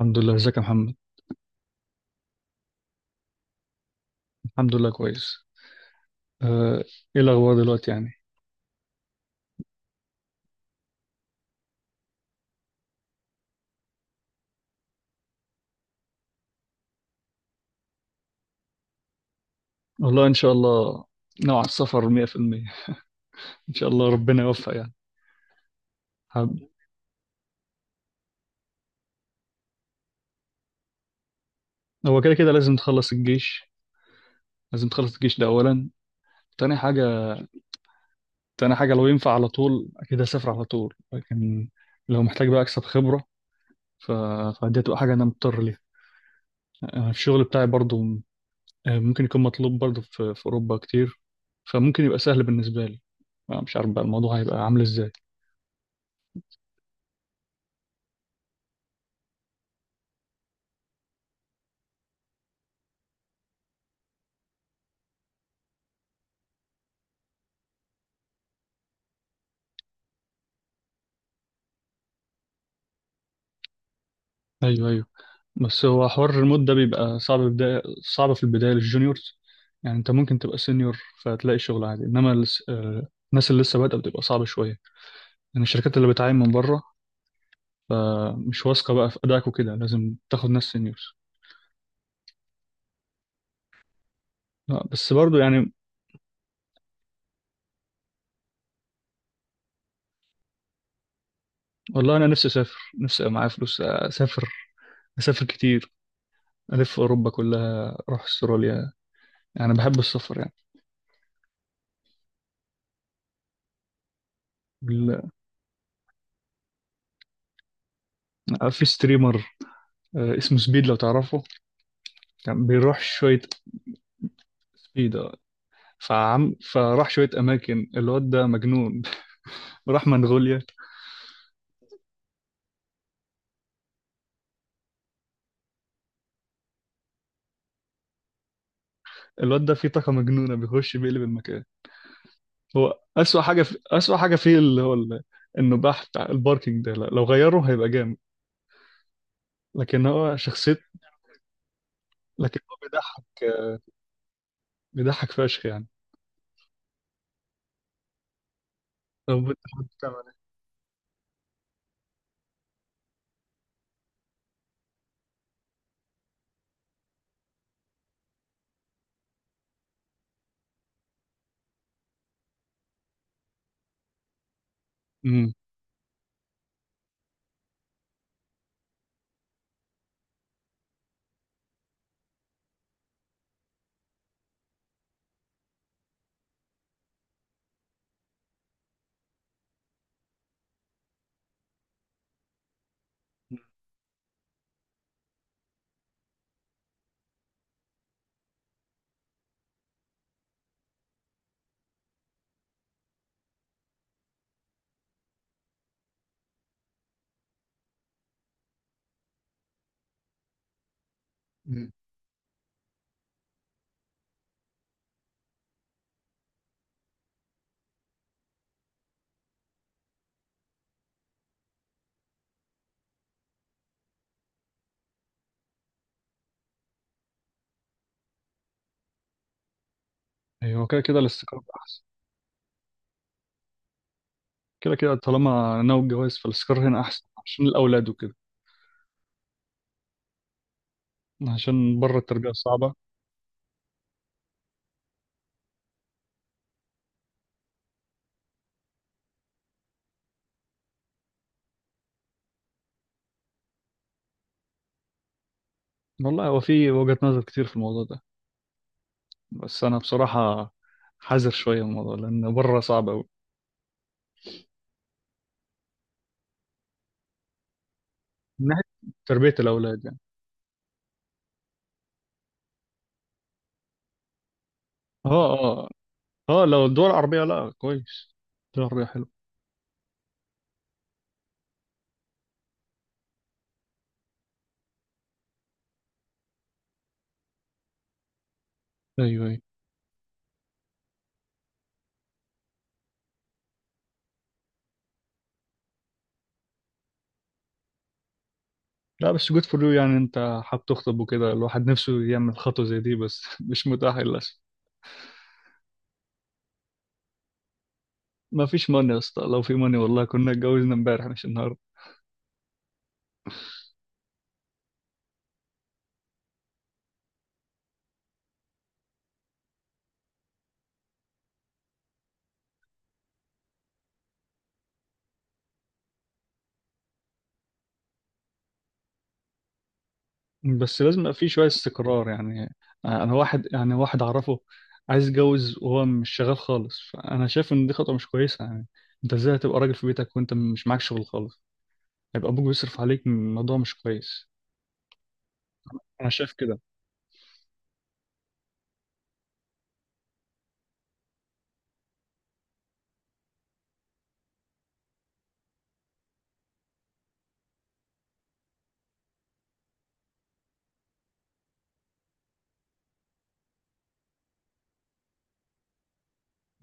الحمد لله، ازيك يا محمد. الحمد لله كويس. آه، ايه الاخبار دلوقتي يعني؟ والله ان شاء الله. نوع السفر 100%. ان شاء الله ربنا يوفق يعني. حب- هو كده كده لازم تخلص الجيش. لازم تخلص الجيش ده اولا. تاني حاجه تاني حاجه لو ينفع على طول اكيد هسافر على طول، لكن لو محتاج بقى اكسب خبره. ف... فدي هتبقى حاجه انا مضطر ليها. انا في الشغل بتاعي برضو. ممكن يكون مطلوب برضه في أوروبا كتير. فممكن يبقى سهل بالنسبة لي. مش عارف بقى الموضوع هيبقى عامل إزاي. أيوه، أيوه. بس هو حوار الريموت ده بيبقى صعب بداية. صعب في البداية للجونيورز. يعني أنت ممكن تبقى سينيور فتلاقي شغل عادي، إنما الناس اللي لسه بادئة بتبقى صعبة شوية. يعني الشركات اللي بتعين من بره فمش واثقة بقى في أدائك وكده، لازم تاخد ناس سينيورز. لا بس برضه يعني. والله أنا نفسي أسافر، نفسي أبقى معايا فلوس أسافر. أسافر كتير، ألف أوروبا كلها، أروح أستراليا. يعني بحب السفر. ال- أنا في ستريمر اسمه سبيد، لو تعرفه. كان بيروح شوية. سبيد، آه. فعم فراح شوية أماكن. الواد ده مجنون. راح منغوليا. الواد ده فيه طاقة مجنونة، بيخش بيقلب المكان. هو أسوأ حاجة فيه اللي هو النباح بتاع الباركينج ده، لا، لو غيره هيبقى جامد. لكن هو شخصية. لكن هو بيضحك فشخ يعني. طب انت بتعمل ايه؟ امم. أمم. ايوه، كده كده الاستقرار احسن. كده كده طالما ناوي الجواز فالاستقرار هنا احسن عشان الاولاد وكده. عشان بره التربية صعبة. والله هو في وجهة نظر كتير في الموضوع ده، بس أنا بصراحة حذر شوية من الموضوع لأن بره صعب أوي. من ناحية تربية الأولاد يعني. اه. اه. اه، لو الدول العربية لا كويس. الدول العربية حلو. أيوه، أيوه. لا بس جود فور يو، يعني أنت حابب تخطب وكده، الواحد نفسه يعمل خطوة زي دي، بس مش متاح للأسف. ما فيش ماني يا اسطى، لو في ماني والله كنا اتجوزنا امبارح مش النهاردة. بس لازم يبقى في شوية استقرار يعني. أنا واحد، يعني واحد أعرفه عايز يتجوز وهو مش شغال خالص، فأنا شايف إن دي خطوة مش كويسة يعني. أنت إزاي هتبقى راجل في بيتك وأنت مش معاك شغل خالص؟ هيبقى أبوك بيصرف عليك، الموضوع مش كويس. أنا شايف كده.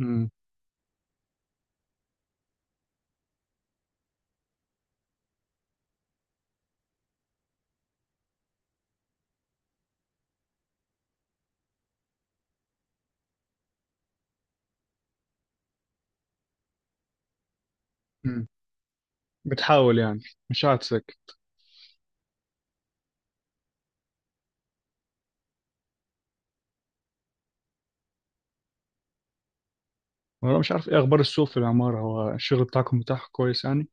امم. امم. بتحاول يعني، مش قاعد ساكت. وأنا مش عارف إيه أخبار السوق في العمارة؟ هو الشغل بتاعكم متاح كويس يعني؟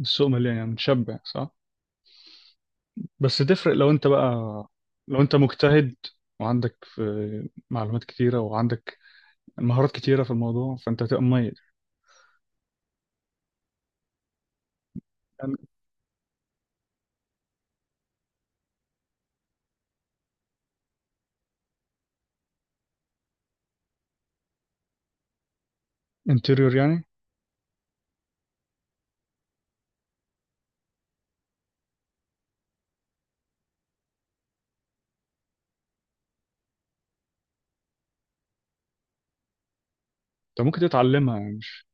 السوق مليان يعني، متشبع صح؟ بس تفرق لو أنت بقى، لو أنت مجتهد وعندك في معلومات كتيرة وعندك المهارات كتيرة في الموضوع، فأنت هتبقى مميز. يعني انتيريور يعني. أنت ممكن تتعلمها يعني، مش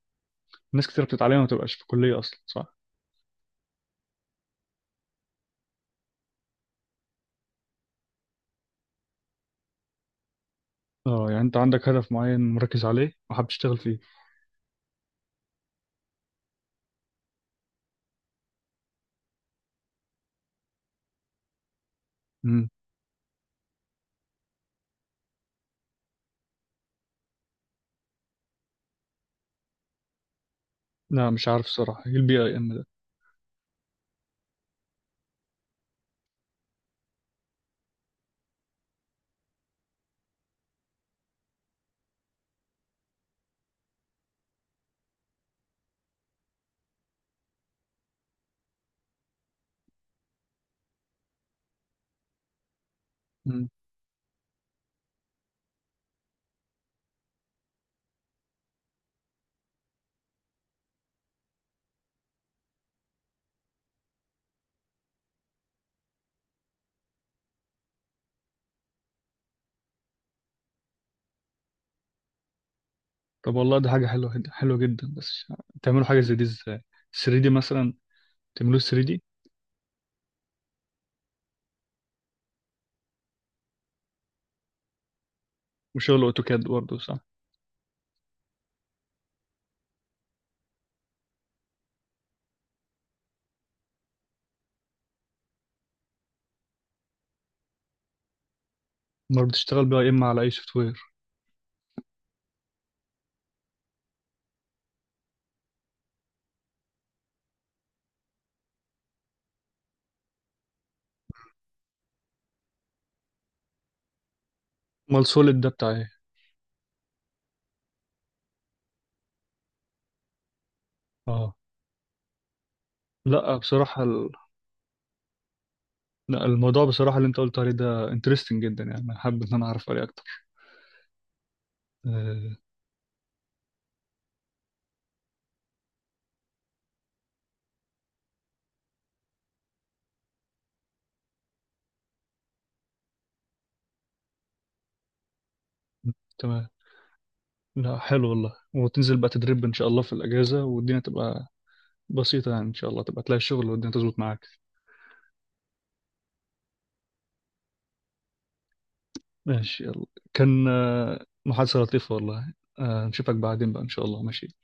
ناس كتيرة بتتعلمها ما تبقاش في كلية أصلا، صح؟ اه، يعني أنت عندك هدف معين مركز عليه وحابب تشتغل فيه. مم. لا مش عارف الصراحة إيه البي أي إم ده. مم. طب والله ده حاجة حلوة حلوة جدا. بس تعملوا حاجة زي دي إزاي؟ 3 دي مثلا. تعملوه 3 دي وشغل أوتوكاد برضه، صح؟ أمال بتشتغل بي أي إم على أي سوفت وير؟ أمال سوليد ده بتاع إيه؟ اه. لا بصراحة لا، الموضوع بصراحة اللي أنت قلت عليه ده انترستنج جدا يعني، انا حابب إن أنا أعرف عليه أكتر. آه، تمام. لا حلو والله. وتنزل بقى تدريب ان شاء الله في الاجازه، والدنيا تبقى بسيطه يعني، ان شاء الله تبقى تلاقي الشغل والدنيا تظبط معاك. ماشي يلا. كان محادثه لطيفه والله، نشوفك بعدين بقى ان شاء الله. ماشي.